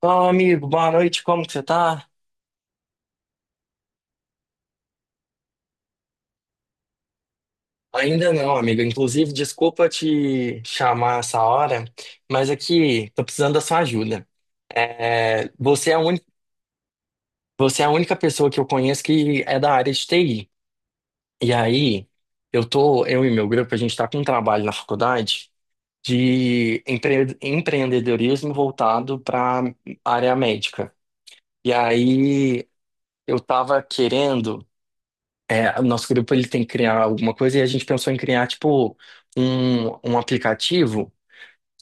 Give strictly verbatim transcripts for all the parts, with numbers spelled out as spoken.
Fala, amigo, boa noite, como que você tá? Ainda não, amigo. Inclusive, desculpa te chamar essa hora, mas aqui tô precisando da sua ajuda. É, você é a uni- Você é a única pessoa que eu conheço que é da área de T I. E aí, eu tô, eu e meu grupo, a gente tá com um trabalho na faculdade de empre- empreendedorismo voltado para área médica. E aí, eu tava querendo. É, O nosso grupo ele tem que criar alguma coisa e a gente pensou em criar tipo um, um aplicativo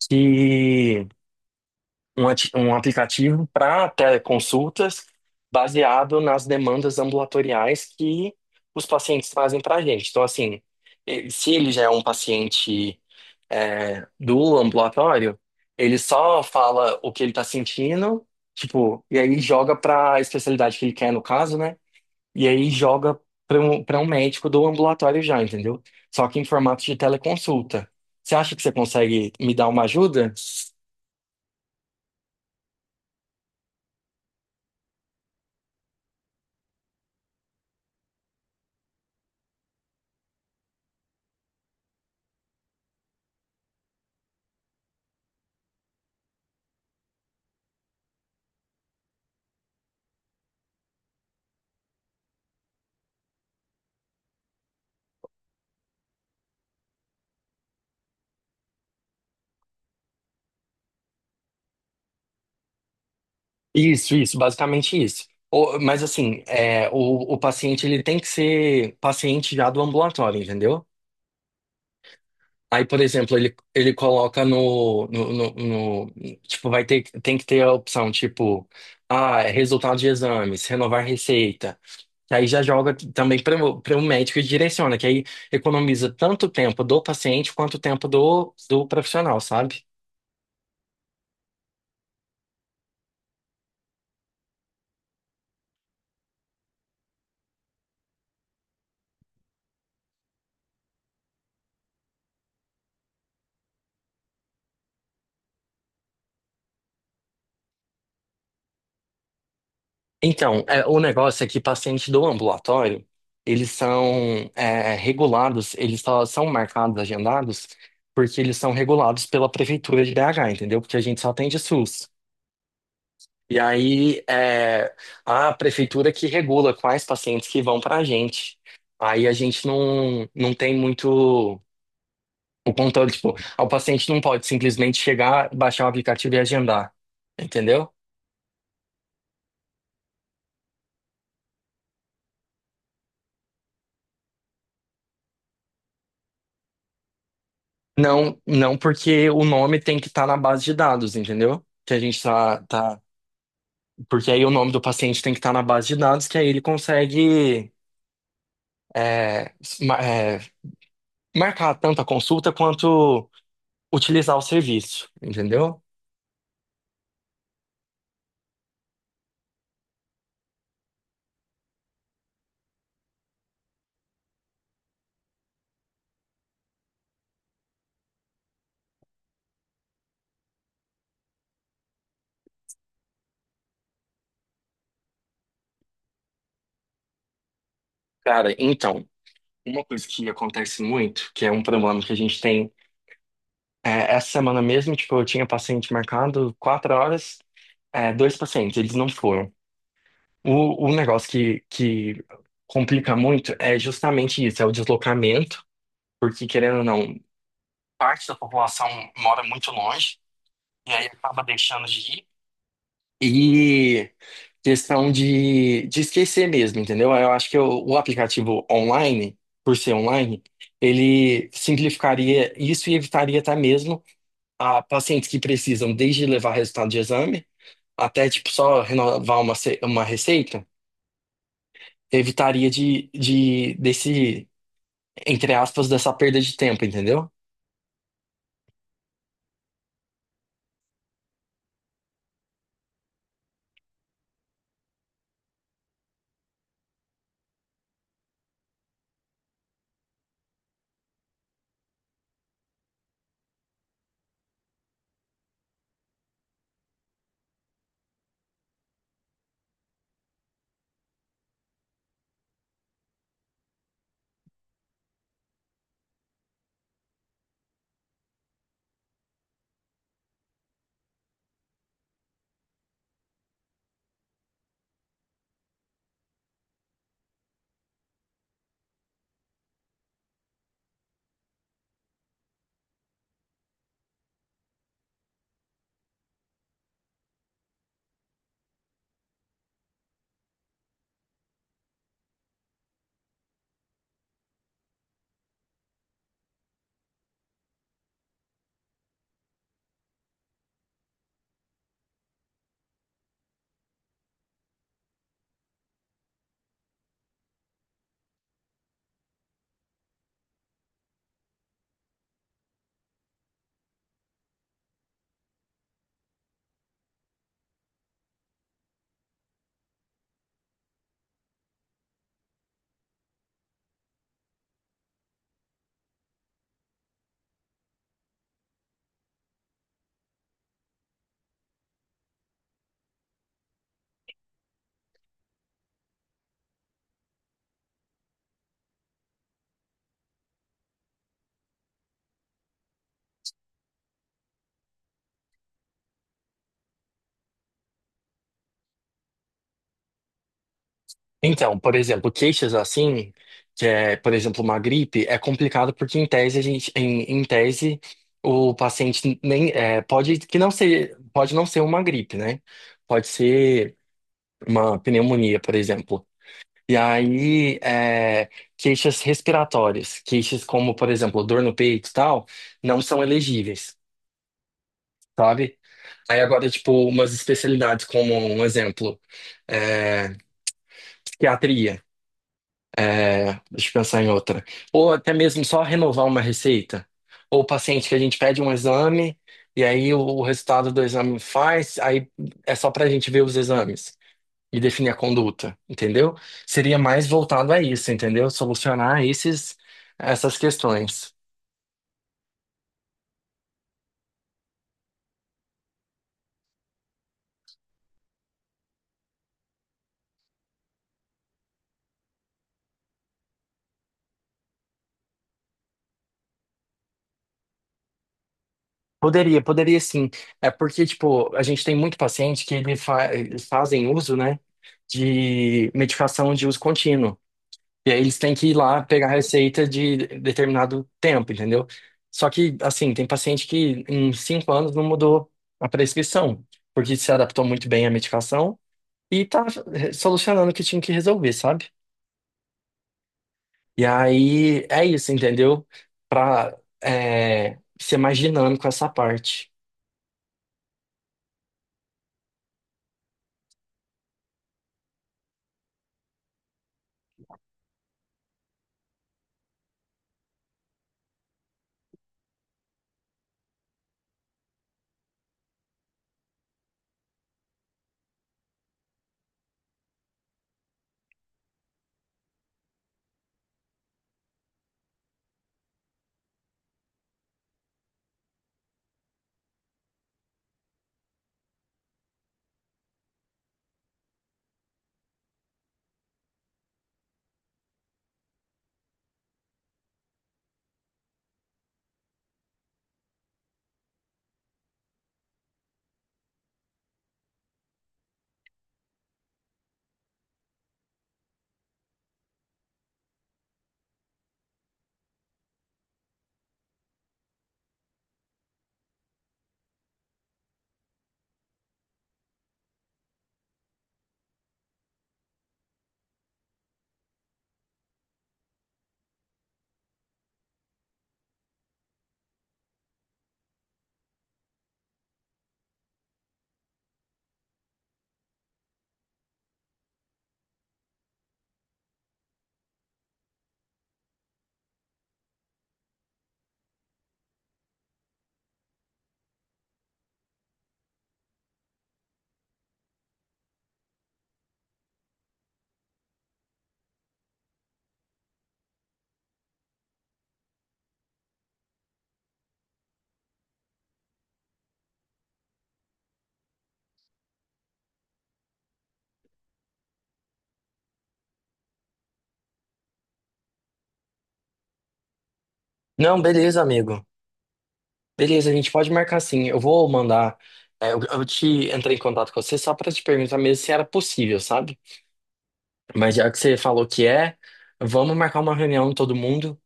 que um, ati- um aplicativo para teleconsultas baseado nas demandas ambulatoriais que os pacientes trazem para a gente. Então, assim, eh, se ele já é um paciente é, do ambulatório, ele só fala o que ele está sentindo, tipo, e aí joga para a especialidade que ele quer, no caso, né? E aí joga para um, para um médico do ambulatório já, entendeu? Só que em formato de teleconsulta. Você acha que você consegue me dar uma ajuda? Isso, isso, basicamente isso. O- mas assim, é, o, o paciente ele tem que ser paciente já do ambulatório, entendeu? Aí, por exemplo, ele, ele coloca no, no, no- no- tipo, vai ter, tem que ter a opção, tipo, ah, resultado de exames, renovar receita. Que aí já joga também para o médico e direciona, que aí economiza tanto tempo do paciente quanto tempo do, do profissional, sabe? Então, é, o negócio é que pacientes do ambulatório, eles são é, regulados, eles só são marcados, agendados, porque eles são regulados pela prefeitura de B H, entendeu? Porque a gente só atende suss. E aí é a prefeitura que regula quais pacientes que vão para a gente. Aí a gente não, não tem muito o controle, tipo, ah, o paciente não pode simplesmente chegar, baixar o aplicativo e agendar, entendeu? Não, não porque o nome tem que estar na base de dados, entendeu? Que a gente tá, tá, porque aí o nome do paciente tem que estar na base de dados, que aí ele consegue é, s- ma- é, marcar tanto a consulta quanto utilizar o serviço, entendeu? Cara, então, uma coisa que acontece muito, que é um problema que a gente tem, é, essa semana mesmo, tipo, eu tinha paciente marcado quatro horas, é, dois pacientes, eles não foram. O, o negócio que, que complica muito é justamente isso, é o deslocamento, porque querendo ou não, parte da população mora muito longe, e aí acaba deixando de ir, e questão de, de esquecer mesmo, entendeu? Eu acho que o, o aplicativo online, por ser online, ele simplificaria isso e evitaria até mesmo a pacientes que precisam desde levar resultado de exame até tipo só renovar uma, ce- uma receita, evitaria de, de desse entre aspas, dessa perda de tempo, entendeu? Então, por exemplo, queixas assim, que é, por exemplo, uma gripe, é complicado porque em tese a gente, em, em tese, o paciente nem é, pode que não ser, pode não ser uma gripe, né? Pode ser uma pneumonia, por exemplo. E aí, é, queixas respiratórias, queixas como, por exemplo, dor no peito e tal, não são elegíveis, sabe? Aí agora, tipo, umas especialidades como, um exemplo, é, psiquiatria, é, deixa eu pensar em outra. Ou até mesmo só renovar uma receita. Ou paciente que a gente pede um exame e aí o, o resultado do exame faz, aí é só pra gente ver os exames e definir a conduta, entendeu? Seria mais voltado a isso, entendeu? Solucionar esses, essas questões. Poderia, poderia sim. É porque, tipo, a gente tem muito paciente que ele fa eles fazem uso, né, de medicação de uso contínuo. E aí eles têm que ir lá pegar a receita de determinado tempo, entendeu? Só que, assim, tem paciente que em cinco anos não mudou a prescrição, porque se adaptou muito bem à medicação e tá, eh, solucionando o que tinha que resolver, sabe? E aí é isso, entendeu? Pra, é, ser mais dinâmico essa parte. Não, beleza, amigo. Beleza, a gente pode marcar sim. Eu vou mandar. É, eu, eu te entrei em contato com você só pra te perguntar mesmo se era possível, sabe? Mas já que você falou que é, vamos marcar uma reunião todo mundo.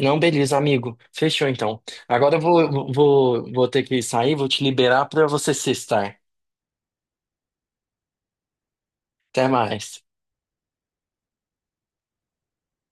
Não, beleza, amigo. Fechou então. Agora eu vou, vou, vou ter que sair, vou te liberar pra você se estar. Até mais.